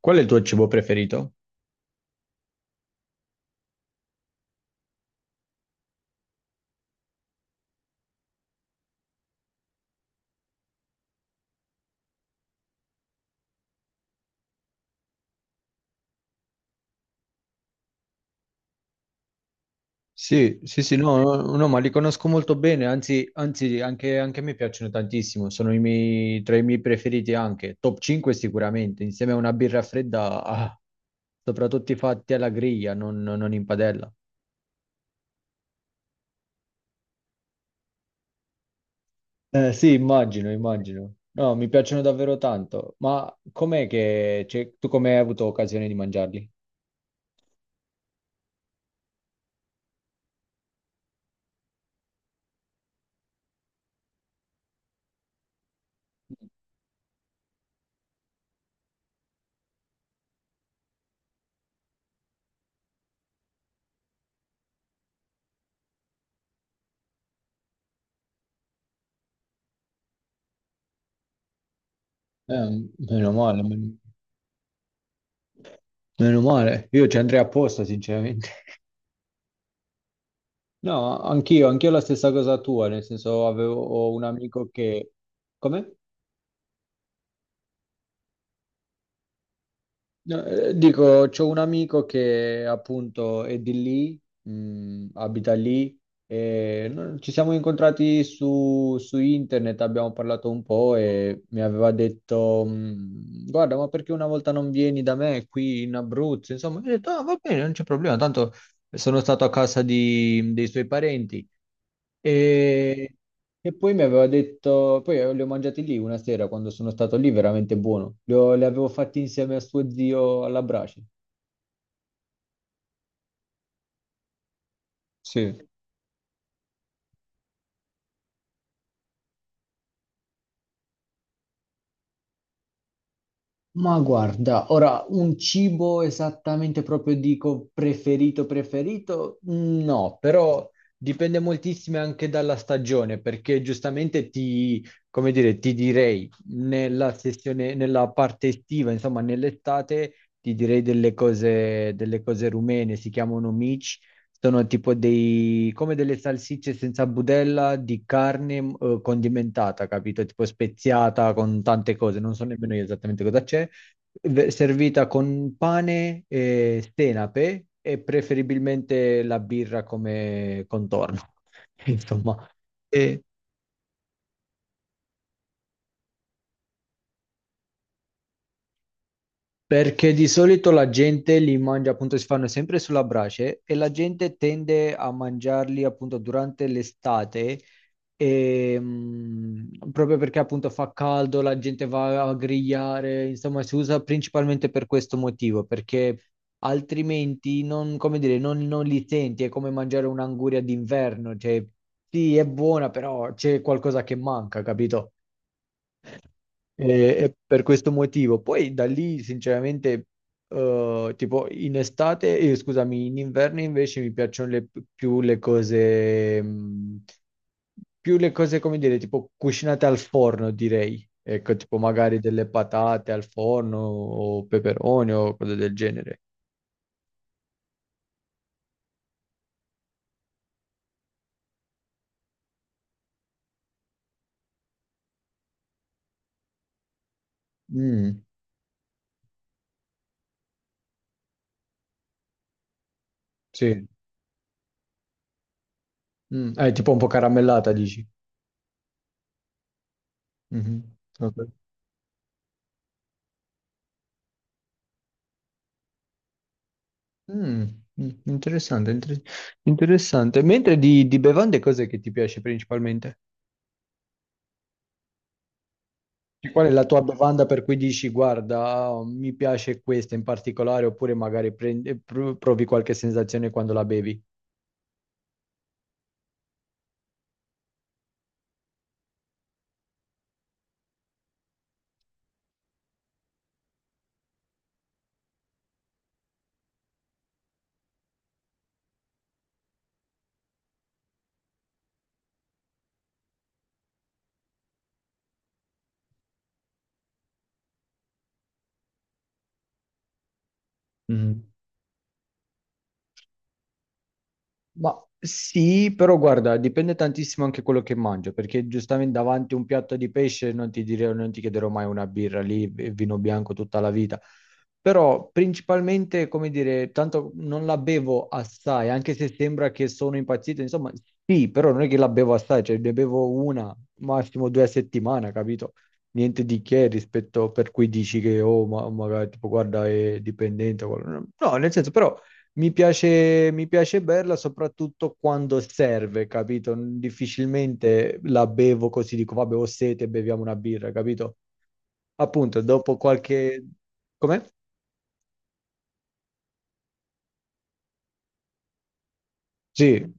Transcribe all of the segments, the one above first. Qual è il tuo cibo preferito? Sì, sì, sì, no, no, no, ma li conosco molto bene, anzi, anche a me piacciono tantissimo, sono i miei, tra i miei preferiti anche, top 5 sicuramente, insieme a una birra fredda, soprattutto fatti alla griglia, non in padella. Sì, immagino, immagino. No, mi piacciono davvero tanto, ma com'è che, cioè, tu come hai avuto occasione di mangiarli? Eh, meno male, men- meno male, io ci andrei apposta, sinceramente. No, anch'io la stessa cosa tua, nel senso avevo ho un amico che... Come? No, dico, c'ho un amico che appunto è di lì, abita lì, e ci siamo incontrati su internet, abbiamo parlato un po' e mi aveva detto, guarda, ma perché una volta non vieni da me qui in Abruzzo? Insomma, io ho detto, ah, va bene, non c'è problema, tanto sono stato a casa dei suoi parenti. E E poi mi aveva detto, poi li ho mangiati lì una sera quando sono stato lì, veramente buono. Li avevo fatti insieme a suo zio alla brace. Sì. Ma guarda, ora un cibo esattamente proprio dico preferito preferito? No, però dipende moltissimo anche dalla stagione, perché giustamente come dire, ti direi nella sessione, nella parte estiva, insomma, nell'estate ti direi delle cose rumene, si chiamano mici. Sono tipo dei, come delle salsicce senza budella di carne, condimentata, capito? Tipo speziata con tante cose, non so nemmeno io esattamente cosa c'è, servita con pane e senape e preferibilmente la birra come contorno. Insomma, perché di solito la gente li mangia, appunto, si fanno sempre sulla brace e la gente tende a mangiarli appunto durante l'estate, e, proprio perché appunto fa caldo, la gente va a grigliare, insomma, si usa principalmente per questo motivo, perché altrimenti non, come dire, non li senti, è come mangiare un'anguria d'inverno, cioè sì, è buona, però c'è qualcosa che manca, capito? E, e per questo motivo, poi da lì sinceramente, tipo in estate, scusami, in inverno invece mi piacciono più le cose, mh, più le cose come dire, tipo cucinate al forno, direi. Ecco, tipo magari delle patate al forno o peperoni o cose del genere. Mm, sì. Tipo un po' caramellata, dici. Mhm. Ok. Mm, Interessante, interessante. Mentre di bevande cos'è che ti piace principalmente? Cioè, qual è la tua bevanda per cui dici, guarda, oh, mi piace questa in particolare, oppure magari provi qualche sensazione quando la bevi? Mm-hmm. Ma sì, però guarda, dipende tantissimo anche quello che mangio, perché giustamente davanti a un piatto di pesce non ti direi, non ti chiederò mai una birra lì, e vino bianco tutta la vita. Però principalmente, come dire, tanto non la bevo assai, anche se sembra che sono impazzito, insomma, sì, però non è che la bevo assai, cioè ne bevo una, massimo due a settimana, capito? Niente di che rispetto per cui dici che, oh, ma magari tipo, guarda, è dipendente. O no, nel senso, però... Mi piace, berla soprattutto quando serve, capito? Difficilmente la bevo così, dico, vabbè, ho sete, beviamo una birra, capito? Appunto, dopo qualche... Com'è? Sì,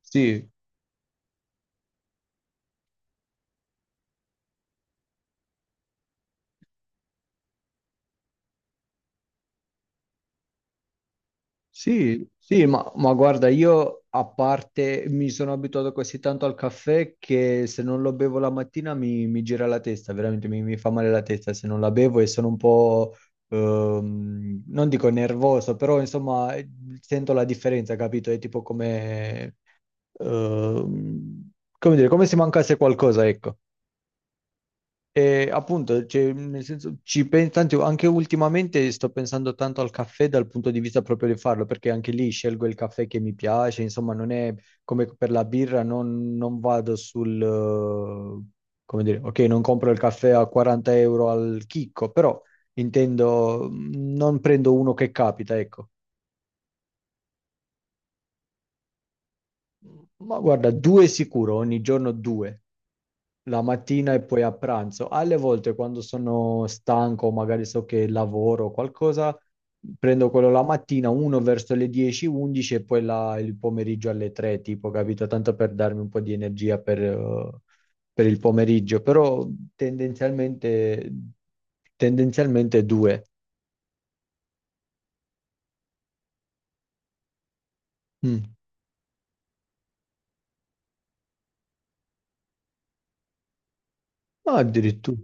sì, Sì, sì, ma guarda, io a parte mi sono abituato così tanto al caffè che se non lo bevo la mattina mi gira la testa, veramente mi fa male la testa se non la bevo e sono un po', non dico nervoso, però insomma sento la differenza, capito? È tipo come, ehm, come dire, come se mancasse qualcosa, ecco. E appunto, cioè, nel senso, anche ultimamente sto pensando tanto al caffè dal punto di vista proprio di farlo, perché anche lì scelgo il caffè che mi piace, insomma, non è come per la birra, non vado sul, come dire, ok, non compro il caffè a 40 euro al chicco, però intendo, non prendo uno che capita, ecco. Ma guarda, due sicuro, ogni giorno due. La mattina e poi a pranzo. Alle volte quando sono stanco, magari so che lavoro o qualcosa, prendo quello la mattina, uno verso le 10, 11 e poi il pomeriggio alle 3, tipo, capito? Tanto per darmi un po' di energia per il pomeriggio, però tendenzialmente, tendenzialmente due. Mm. Ah, addirittura.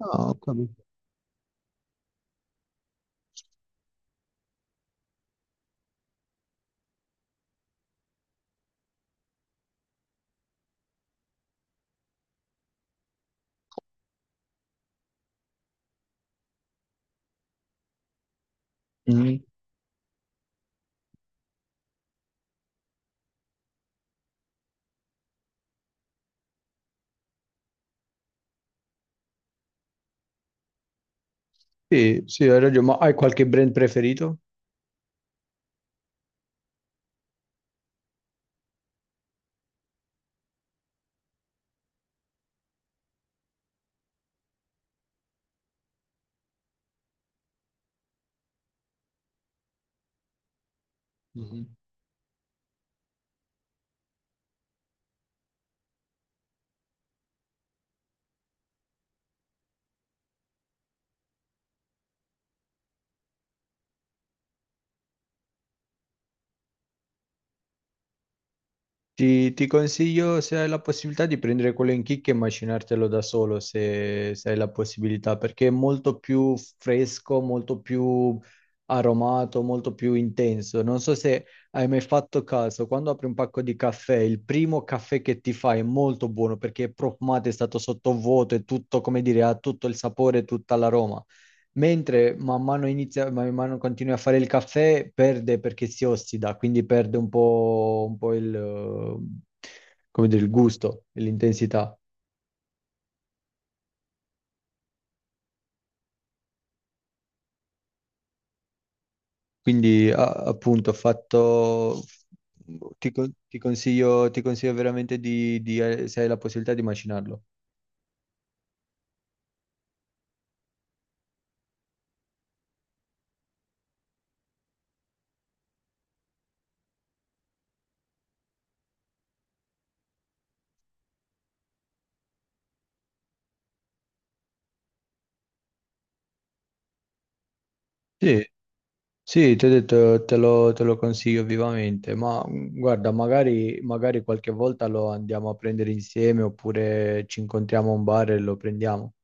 Ah, ho capito. Mm. Sì, sì, hai ragione, ma hai qualche brand preferito? Mhm. Ti consiglio, se hai la possibilità, di prendere quello in chicca e macinartelo da solo, se hai la possibilità, perché è molto più fresco, molto più aromato, molto più intenso. Non so se hai mai fatto caso, quando apri un pacco di caffè, il primo caffè che ti fai è molto buono perché è profumato, è stato sottovuoto, è tutto, come dire, ha tutto il sapore, tutta l'aroma. Mentre man mano, inizia, man mano continui a fare il caffè, perde perché si ossida, quindi perde un po' come dire, il gusto e l'intensità. Quindi appunto ho fatto, ti consiglio veramente se hai la possibilità di macinarlo. Sì, sì, ti ho detto, te lo consiglio vivamente, ma guarda, magari qualche volta lo andiamo a prendere insieme oppure ci incontriamo a un bar e lo prendiamo.